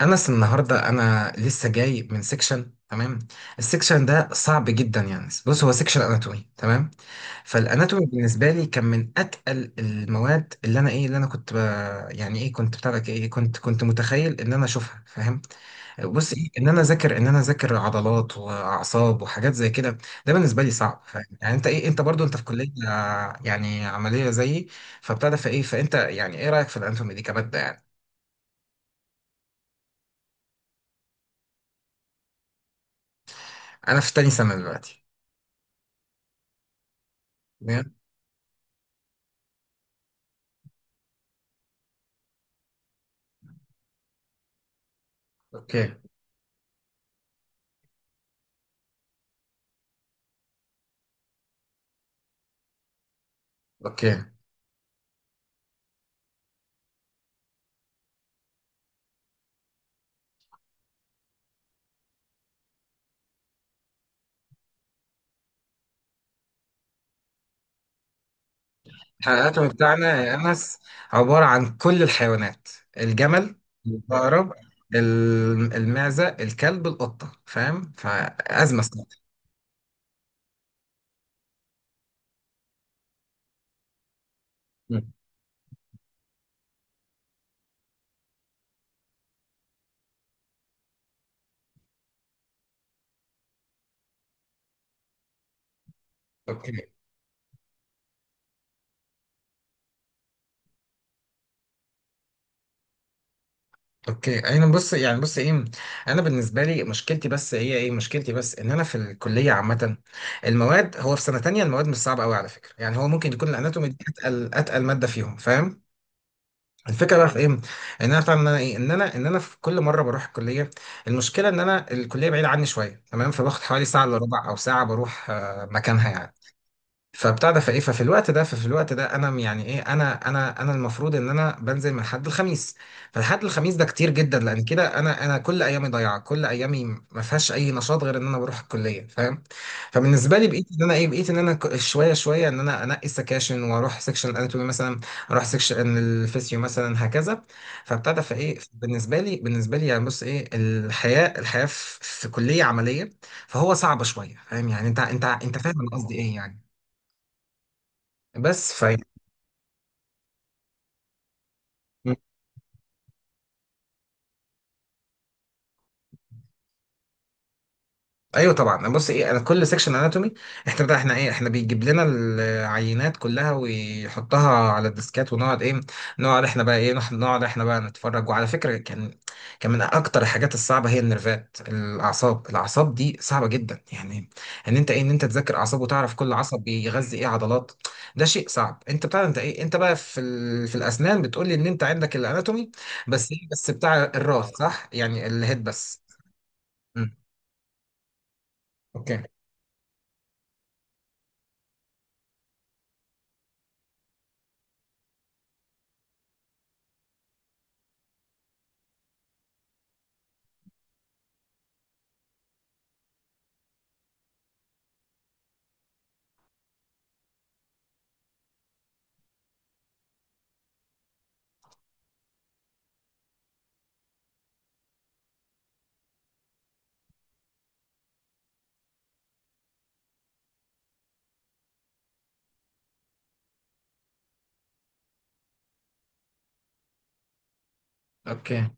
انس، النهارده انا لسه جاي من سيكشن. تمام، السيكشن ده صعب جدا، يعني بص، هو سيكشن اناتومي. تمام، فالاناتومي بالنسبه لي كان من اتقل المواد، اللي انا كنت ب... يعني ايه، كنت بتاع لك ايه، كنت متخيل ان انا اشوفها فاهم؟ بص ايه، ان انا اذاكر عضلات واعصاب وحاجات زي كده. ده بالنسبه لي صعب فاهم، يعني انت ايه، انت برضو في كليه يعني عمليه زيي؟ فبتاع ده فايه، فانت يعني ايه رايك في الاناتومي دي كماده يعني؟ انا في تاني سنه دلوقتي. اوكي، اوكي. الحلقات بتاعنا يا انس عباره عن كل الحيوانات: الجمل، العقرب، المعزه، الكلب، القطه فاهم؟ فازمه صعبة. مم. اوكي، اوكي. انا بص يعني، بص ايه، انا بالنسبه لي مشكلتي بس هي ايه، مشكلتي بس ان انا في الكليه عامه المواد، هو في سنه تانية المواد مش صعبه قوي على فكره، يعني هو ممكن يكون الاناتومي دي اتقل ماده فيهم فاهم؟ الفكره بقى في ايه، ان انا فاهم ان انا ايه ان انا في كل مره بروح الكليه، المشكله ان انا الكليه بعيده عني شويه. تمام، فباخد حوالي ساعه الا ربع او ساعه بروح مكانها يعني. فبتاع ده فايه، ففي الوقت ده انا م- يعني ايه، انا المفروض ان انا بنزل من حد الخميس. فالحد الخميس ده كتير جدا، لان كده انا كل ايامي ضايعه، كل ايامي ما فيهاش اي نشاط غير ان انا بروح الكليه فاهم؟ فبالنسبه لي بقيت ان انا ايه، بقيت ان انا ك- شويه شويه ان انا انقي السكاشن، واروح سكشن الاناتومي مثلا، اروح سكشن الفيسيو مثلا، هكذا. فبتاع ده فايه، بالنسبه لي، بالنسبه لي يعني بص ايه، الحياه، الحياه في كليه عمليه فهو صعبه شويه فاهم؟ يعني انت فاهم انا قصدي ايه يعني؟ بس ف... ايوه طبعا، بص ايه، انا كل سيكشن اناتومي، احنا بقى احنا ايه احنا بيجيب لنا العينات كلها ويحطها على الديسكات، ونقعد ايه، نقعد احنا بقى ايه، نح- نقعد احنا بقى نتفرج. وعلى فكره، كان من اكتر الحاجات الصعبه هي النرفات، الاعصاب، دي صعبه جدا، يعني ان انت ايه، ان انت تذاكر اعصاب وتعرف كل عصب بيغذي ايه عضلات. ده شيء صعب. انت بتاع انت ايه، انت بقى في ال... في الاسنان بتقول لي ان انت عندك الاناتومي بس، ايه بس بتاع الراس، صح؟ يعني الهيد بس. إمم. اوكي، اوكي.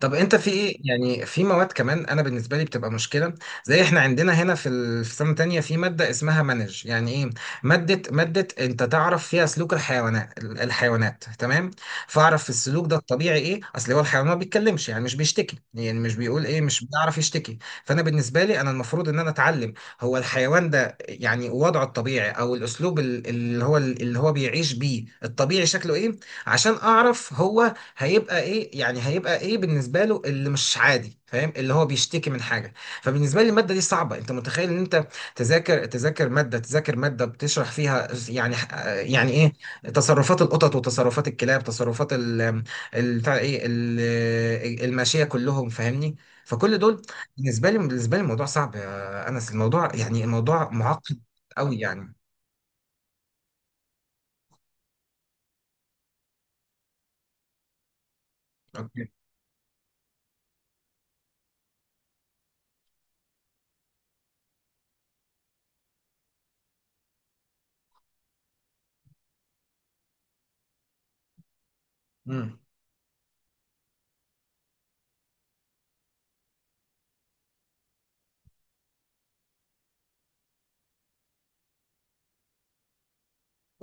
طب انت في ايه، يعني في مواد كمان انا بالنسبه لي بتبقى مشكله، زي احنا عندنا هنا في ال- في سنه تانية في ماده اسمها مانج، يعني ايه، ماده انت تعرف فيها سلوك الحيوانات، الحيوانات. تمام، فاعرف في السلوك ده الطبيعي ايه، اصل هو الحيوان ما بيتكلمش، يعني مش بيشتكي، يعني مش بيقول ايه، مش بيعرف يشتكي. فانا بالنسبه لي انا المفروض ان انا اتعلم هو الحيوان ده يعني وضعه الطبيعي، او الاسلوب ال- اللي هو بيعيش بيه الطبيعي شكله ايه، عشان اعرف هو هيبقى ايه، يعني هيبقى ايه بالنسبه له اللي مش عادي فاهم، اللي هو بيشتكي من حاجه. فبالنسبه لي الماده دي صعبه، انت متخيل ان انت تذاكر تذاكر ماده تذاكر ماده بتشرح فيها يعني، يعني ايه، تصرفات القطط، وتصرفات الكلاب، تصرفات ال، ال- بتاع ايه، الماشيه، كلهم فاهمني. فكل دول بالنسبه لي، الموضوع صعب يا انس، الموضوع يعني، الموضوع معقد قوي يعني. اوكي، امم،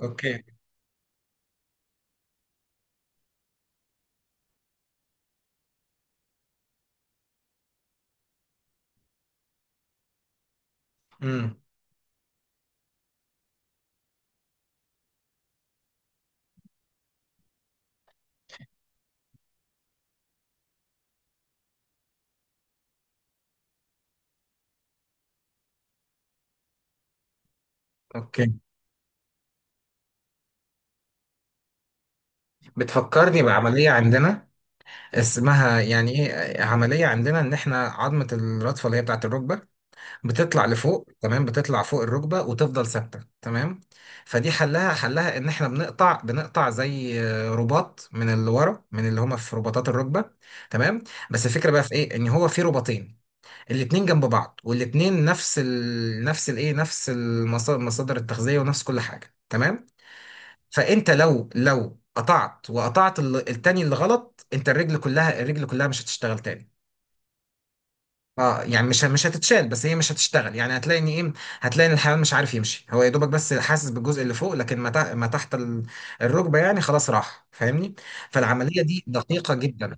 اوكي، امم، اوكي. بتفكرني بعمليه عندنا اسمها يعني ايه، عمليه عندنا ان احنا عظمه الرادفه اللي هي بتاعه الركبه بتطلع لفوق، تمام، بتطلع فوق الركبه وتفضل ثابته. تمام، فدي حلها، حلها ان احنا بنقطع زي رباط، من اللي ورا، من اللي هما في رباطات الركبه. تمام، بس الفكره بقى في ايه، ان هو في رباطين، الاتنين جنب بعض، والاتنين نفس ال... نفس الايه، نفس المصادر، المصادر التغذيه ونفس كل حاجه. تمام، فانت لو قطعت وقطعت ال- التاني اللي غلط، انت الرجل كلها، مش هتشتغل تاني. اه يعني مش هتتشال، بس هي مش هتشتغل، يعني هتلاقي ان ايه، هتلاقي ان الحيوان مش عارف يمشي، هو يا دوبك بس حاسس بالجزء اللي فوق، لكن ما تح- ما تحت ال- الركبه يعني خلاص راح فاهمني. فالعمليه دي دقيقه جدا.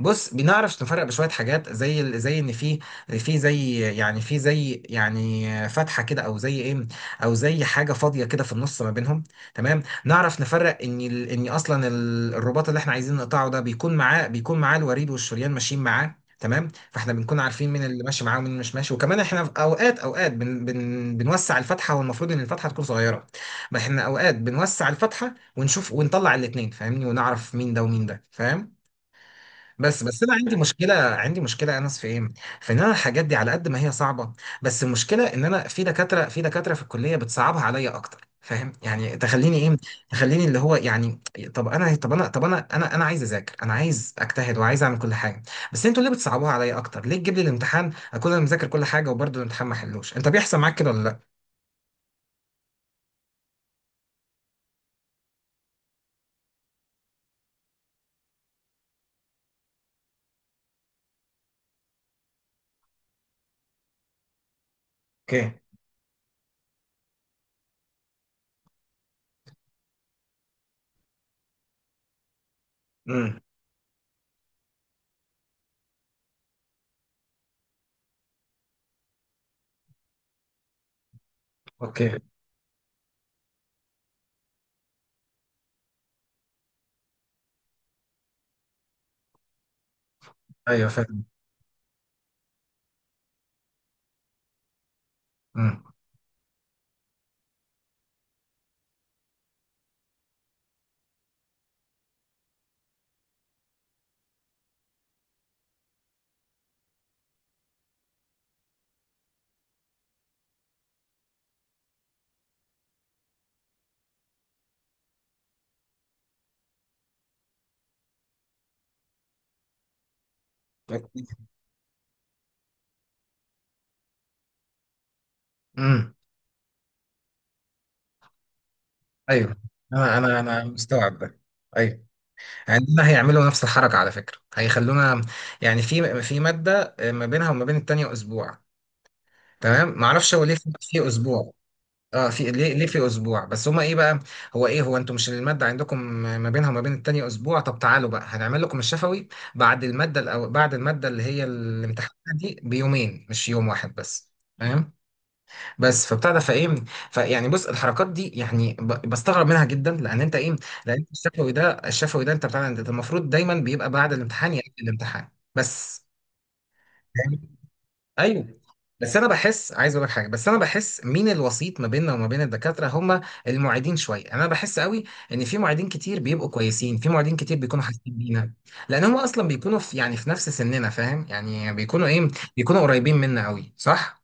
بص، بنعرف نفرق بشويه حاجات، زي ال- زي ان في، في زي يعني، فتحه كده، او زي ايه، او زي حاجه فاضيه كده في النص ما بينهم. تمام، نعرف نفرق ان ال- ان اصلا ال- الرباط اللي احنا عايزين نقطعه ده بيكون معاه، بيكون معاه الوريد والشريان ماشيين معاه. تمام، فاحنا بنكون عارفين مين اللي ماشي معاه ومين اللي مش ماشي. وكمان احنا في اوقات، اوقات بن بن بنوسع الفتحه، والمفروض ان الفتحه تكون صغيره. ما احنا اوقات بنوسع الفتحه ونشوف ونطلع الاثنين فاهمني، ونعرف مين ده ومين ده فاهم. بس انا عندي مشكله، يا انس في ايه، في ان انا الحاجات دي على قد ما هي صعبه، بس المشكله ان انا في دكاتره، في الكليه بتصعبها عليا اكتر فاهم، يعني تخليني ايه، تخليني اللي هو يعني، طب انا عايز اذاكر، انا عايز اجتهد، وعايز اعمل كل حاجه، بس انتوا ليه بتصعبوها عليا اكتر؟ ليه تجيب لي الامتحان اكون انا مذاكر كل حاجه، وبرضه الامتحان ما حلوش؟ انت بيحصل معاك كده ولا لا؟ اوكي، امم، اوكي، ايوه فاهم، امم، امم، ايوه انا مستوعب ده، ايوه عندنا هيعملوا نفس الحركة على فكرة، هيخلونا يعني في مادة ما بينها وما بين التانية أسبوع. تمام، معرفش هو ليه في أسبوع، اه في ليه، في أسبوع بس، هما إيه بقى، هو إيه، هو أنتوا مش المادة عندكم ما بينها وما بين التانية أسبوع؟ طب تعالوا بقى هنعمل لكم الشفوي بعد المادة الأو، بعد المادة اللي هي الامتحان دي بيومين، مش يوم واحد بس؟ بس فبتاع ده فايه، فيعني بص الحركات دي يعني ب- بستغرب منها جدا لان انت ايه، لان أنت الشفوي ده، انت بتاع انت المفروض دايما بيبقى بعد الامتحان يقبل الامتحان بس، فاهم؟ ايوه بس انا بحس، عايز اقول لك حاجه، بس انا بحس مين الوسيط ما بيننا وما بين الدكاتره، هم المعيدين شويه. انا بحس قوي ان في معيدين كتير بيبقوا كويسين، في معيدين كتير بيكونوا حاسين بينا، لان هم اصلا بيكونوا في، يعني في نفس سننا فاهم، يعني بيكونوا ايه، بيكونوا قريبين منا قوي صح.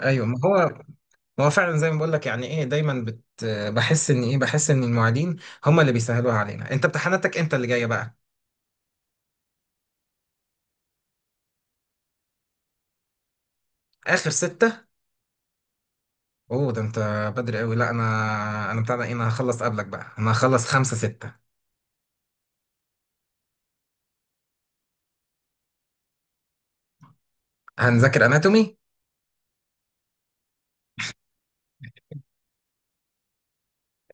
ايوه، ما هو هو فعلا زي ما بقول لك، يعني ايه، دايما بت... بحس ان ايه، بحس ان المعيدين هم اللي بيسهلوها علينا. انت امتحاناتك امتى اللي جايه بقى؟ اخر ستة؟ اوه، ده انت بدري قوي. لا، انا انا بتاع ده ايه، انا هخلص قبلك بقى، انا هخلص خمسة ستة. هنذاكر اناتومي،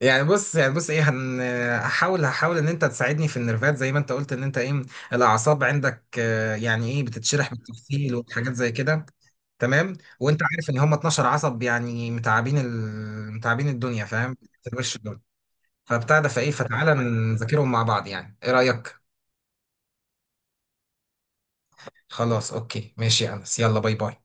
يعني بص، يعني بص ايه، هن... هحاول ان انت تساعدني في النرفات زي ما انت قلت ان انت ايه، الاعصاب عندك يعني ايه بتتشرح بالتفصيل وحاجات زي كده. تمام، وانت عارف ان هم 12 عصب يعني متعبين ال... متعبين الدنيا فاهم. فبتاع ده فايه، فتعالى نذاكرهم مع بعض، يعني ايه رأيك؟ خلاص اوكي، ماشي يا انس، يلا باي، باي.